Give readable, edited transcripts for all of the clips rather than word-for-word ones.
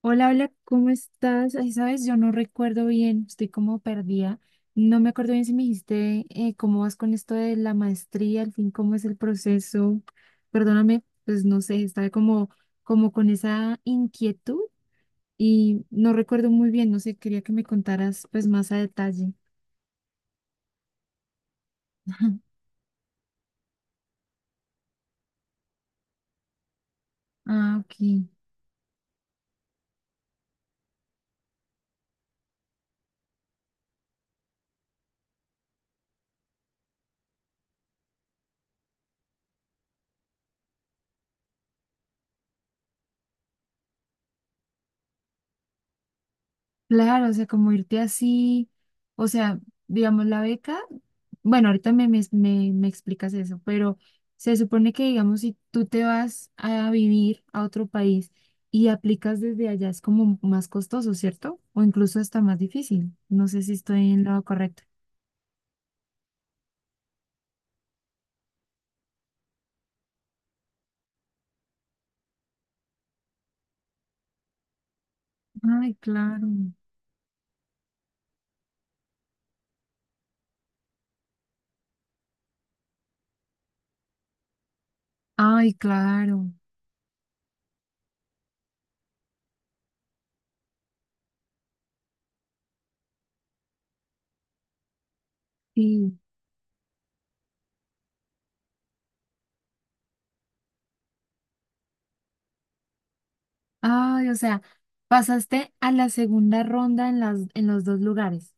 Hola, hola, ¿cómo estás? Ay, sabes, yo no recuerdo bien, estoy como perdida. No me acuerdo bien si me dijiste cómo vas con esto de la maestría, al fin, cómo es el proceso. Perdóname, pues no sé, estaba como, como con esa inquietud y no recuerdo muy bien, no sé, quería que me contaras pues más a detalle. Ah, ok. Claro, o sea, como irte así, o sea, digamos, la beca, bueno, ahorita me explicas eso, pero se supone que, digamos, si tú te vas a vivir a otro país y aplicas desde allá, es como más costoso, ¿cierto? O incluso hasta más difícil. No sé si estoy en lo correcto. Ay, claro. Ay, claro. Sí. Ay, o sea, pasaste a la segunda ronda en los dos lugares.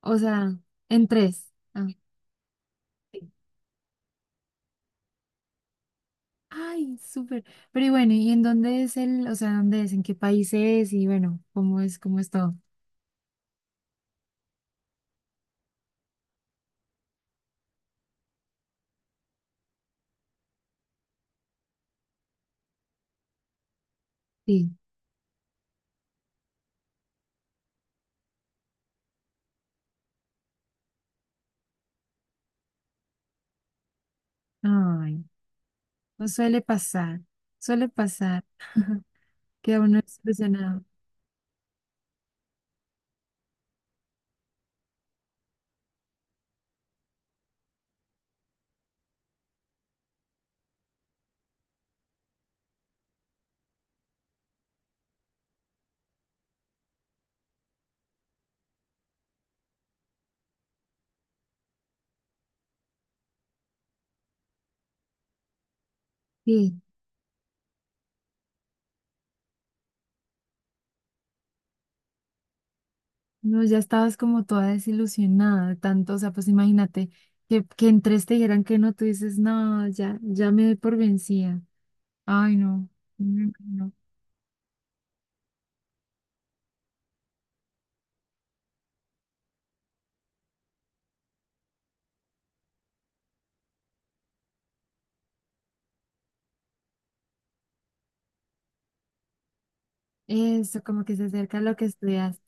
O sea, en tres. Ah. Ok. Ay, súper. Pero y bueno, ¿y en dónde es dónde es, en qué país es y bueno, cómo es todo? Sí. Ay, no suele pasar, suele pasar que uno es desilusionado. Sí, no, ya estabas como toda desilusionada de tanto, o sea, pues imagínate que en tres te dijeran que no, tú dices, no, ya, ya me doy por vencida. Ay, no, no, no, no. Eso, como que se acerca a lo que estudias.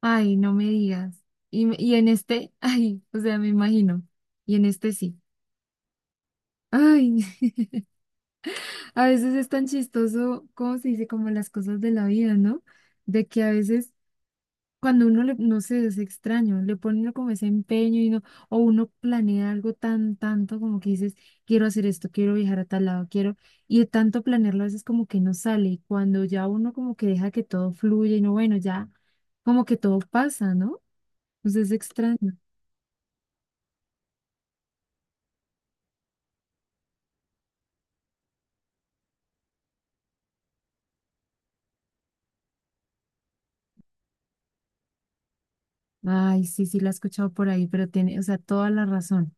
Ay, no me digas. Y en este, ay, o sea, me imagino. Y en este sí. Ay, a veces es tan chistoso, ¿cómo se dice? Como las cosas de la vida, ¿no? De que a veces cuando uno le, no sé, es extraño, le pone uno como ese empeño y no, o uno planea algo tan, tanto como que dices, quiero hacer esto, quiero viajar a tal lado, quiero, y de tanto planearlo a veces como que no sale. Y cuando ya uno como que deja que todo fluya y no, bueno, ya como que todo pasa, ¿no? Entonces es extraño. Ay, sí, sí, la he escuchado por ahí, pero tiene, o sea, toda la razón.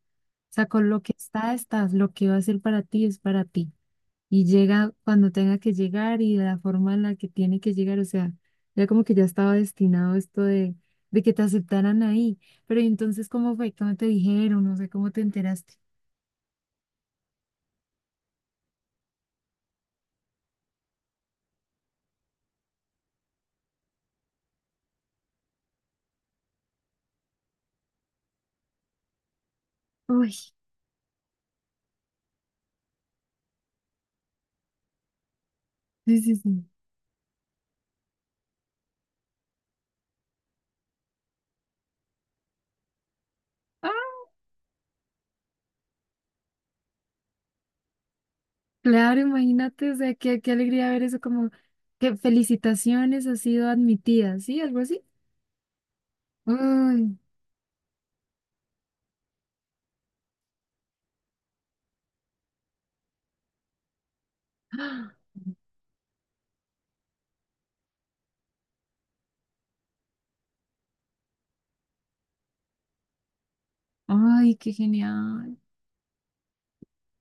O sea, con lo que estás lo que va a ser para ti es para ti. Y llega cuando tenga que llegar y de la forma en la que tiene que llegar, o sea, ya como que ya estaba destinado esto de que te aceptaran ahí. Pero ¿y entonces, ¿cómo fue? ¿Cómo te dijeron? No sé, ¿cómo te enteraste? Uy, sí, sí, sí. Ah, claro, imagínate, o sea, qué, qué alegría ver eso, como que felicitaciones, ha sido admitida, ¿sí? Algo así. Uy. Ay, qué genial.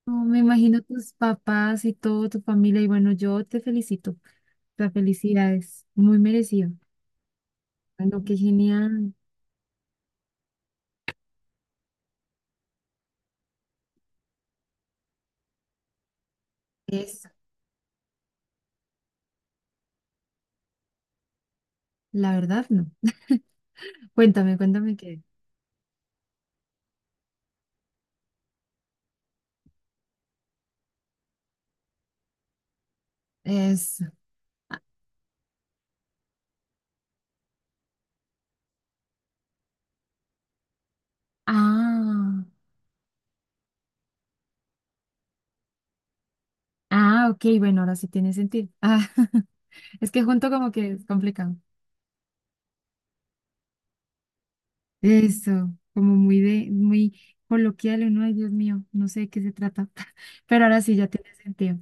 No, me imagino tus papás y toda tu familia. Y bueno, yo te felicito. La felicidad es muy merecida, bueno, qué genial. Eso. La verdad, no. Cuéntame, cuéntame qué. Eso. Ah, ah, ok. Bueno, ahora sí tiene sentido. Ah, es que junto como que es complicado. Eso, como muy de, muy coloquial, uno, ay, Dios mío, no sé de qué se trata. Pero ahora sí ya tiene sentido.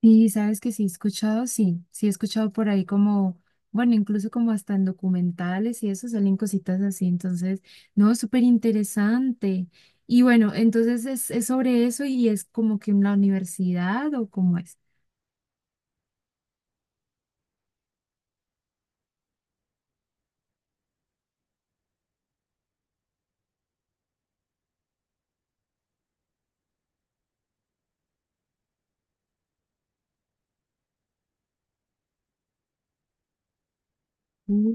Y sabes que sí he escuchado, sí, sí he escuchado por ahí como, bueno, incluso como hasta en documentales y eso salen cositas así, entonces, no, súper interesante. Bueno, entonces es sobre eso y es como que en la universidad o cómo es. Mm.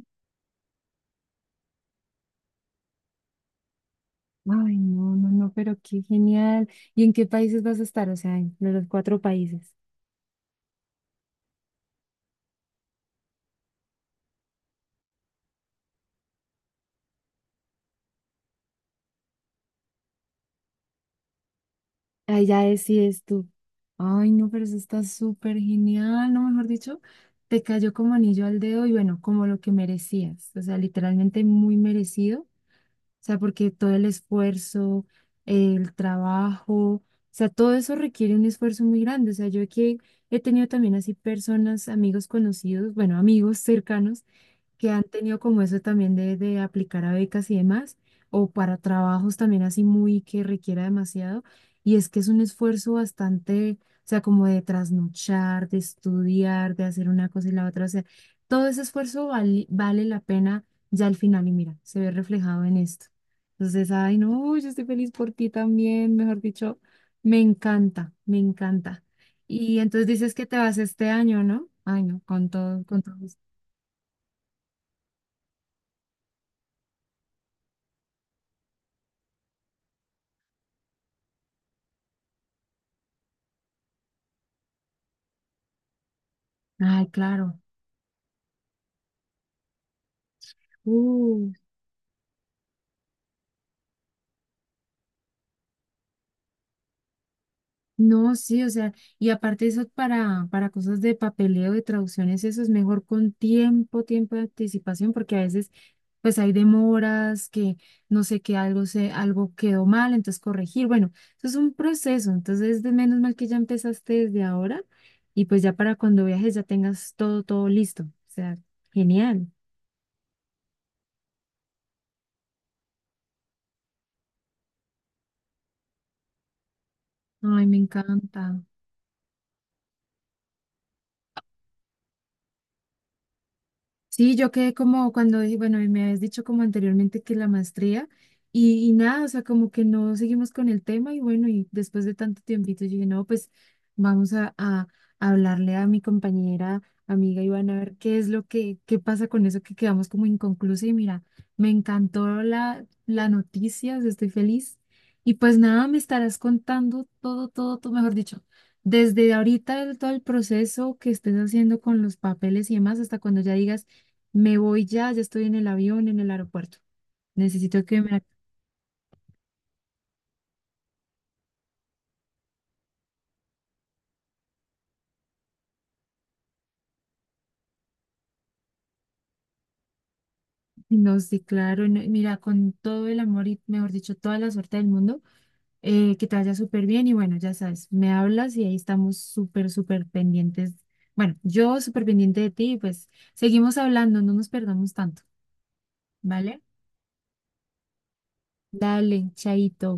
Ay, no, no, no, pero qué genial. ¿Y en qué países vas a estar? O sea, en los cuatro países. Ahí ya decides tú. Ay, no, pero eso está súper genial, ¿no? Mejor dicho, te cayó como anillo al dedo y bueno, como lo que merecías. O sea, literalmente muy merecido. O sea, porque todo el esfuerzo, el trabajo, o sea, todo eso requiere un esfuerzo muy grande. O sea, yo aquí he tenido también así personas, amigos conocidos, bueno, amigos cercanos que han tenido como eso también de aplicar a becas y demás, o para trabajos también así muy que requiera demasiado. Y es que es un esfuerzo bastante, o sea, como de trasnochar, de estudiar, de hacer una cosa y la otra. O sea, todo ese esfuerzo vale, vale la pena ya al final y mira, se ve reflejado en esto. Entonces, ay, no, yo estoy feliz por ti también, mejor dicho, me encanta, me encanta. Y entonces dices que te vas este año, ¿no? Ay, no, con todo, con todo gusto. Ay, claro. Uh, no, sí, o sea, y aparte eso para cosas de papeleo, de traducciones, eso es mejor con tiempo, tiempo de anticipación, porque a veces pues hay demoras, que no sé que algo se, algo quedó mal, entonces corregir. Bueno, eso es un proceso, entonces de menos mal que ya empezaste desde ahora, y pues ya para cuando viajes ya tengas todo, todo listo. O sea, genial. Ay, me encanta. Sí, yo quedé como cuando, bueno, y me habías dicho como anteriormente que la maestría y nada, o sea, como que no seguimos con el tema y bueno, y después de tanto tiempito yo dije, no, pues vamos a hablarle a mi compañera, amiga Ivana, a ver qué es lo que, qué pasa con eso que quedamos como inconclusa y mira, me encantó la noticia, o sea, estoy feliz y pues nada, me estarás contando todo, todo, todo, mejor dicho, desde ahorita el, todo el proceso que estés haciendo con los papeles y demás, hasta cuando ya digas, me voy ya, ya estoy en el avión, en el aeropuerto. Necesito que me... No, sí, claro, no, mira, con todo el amor y, mejor dicho, toda la suerte del mundo, que te vaya súper bien y bueno, ya sabes, me hablas y ahí estamos súper, súper pendientes. Bueno, yo súper pendiente de ti y pues seguimos hablando, no nos perdamos tanto, ¿vale? Dale, chaito.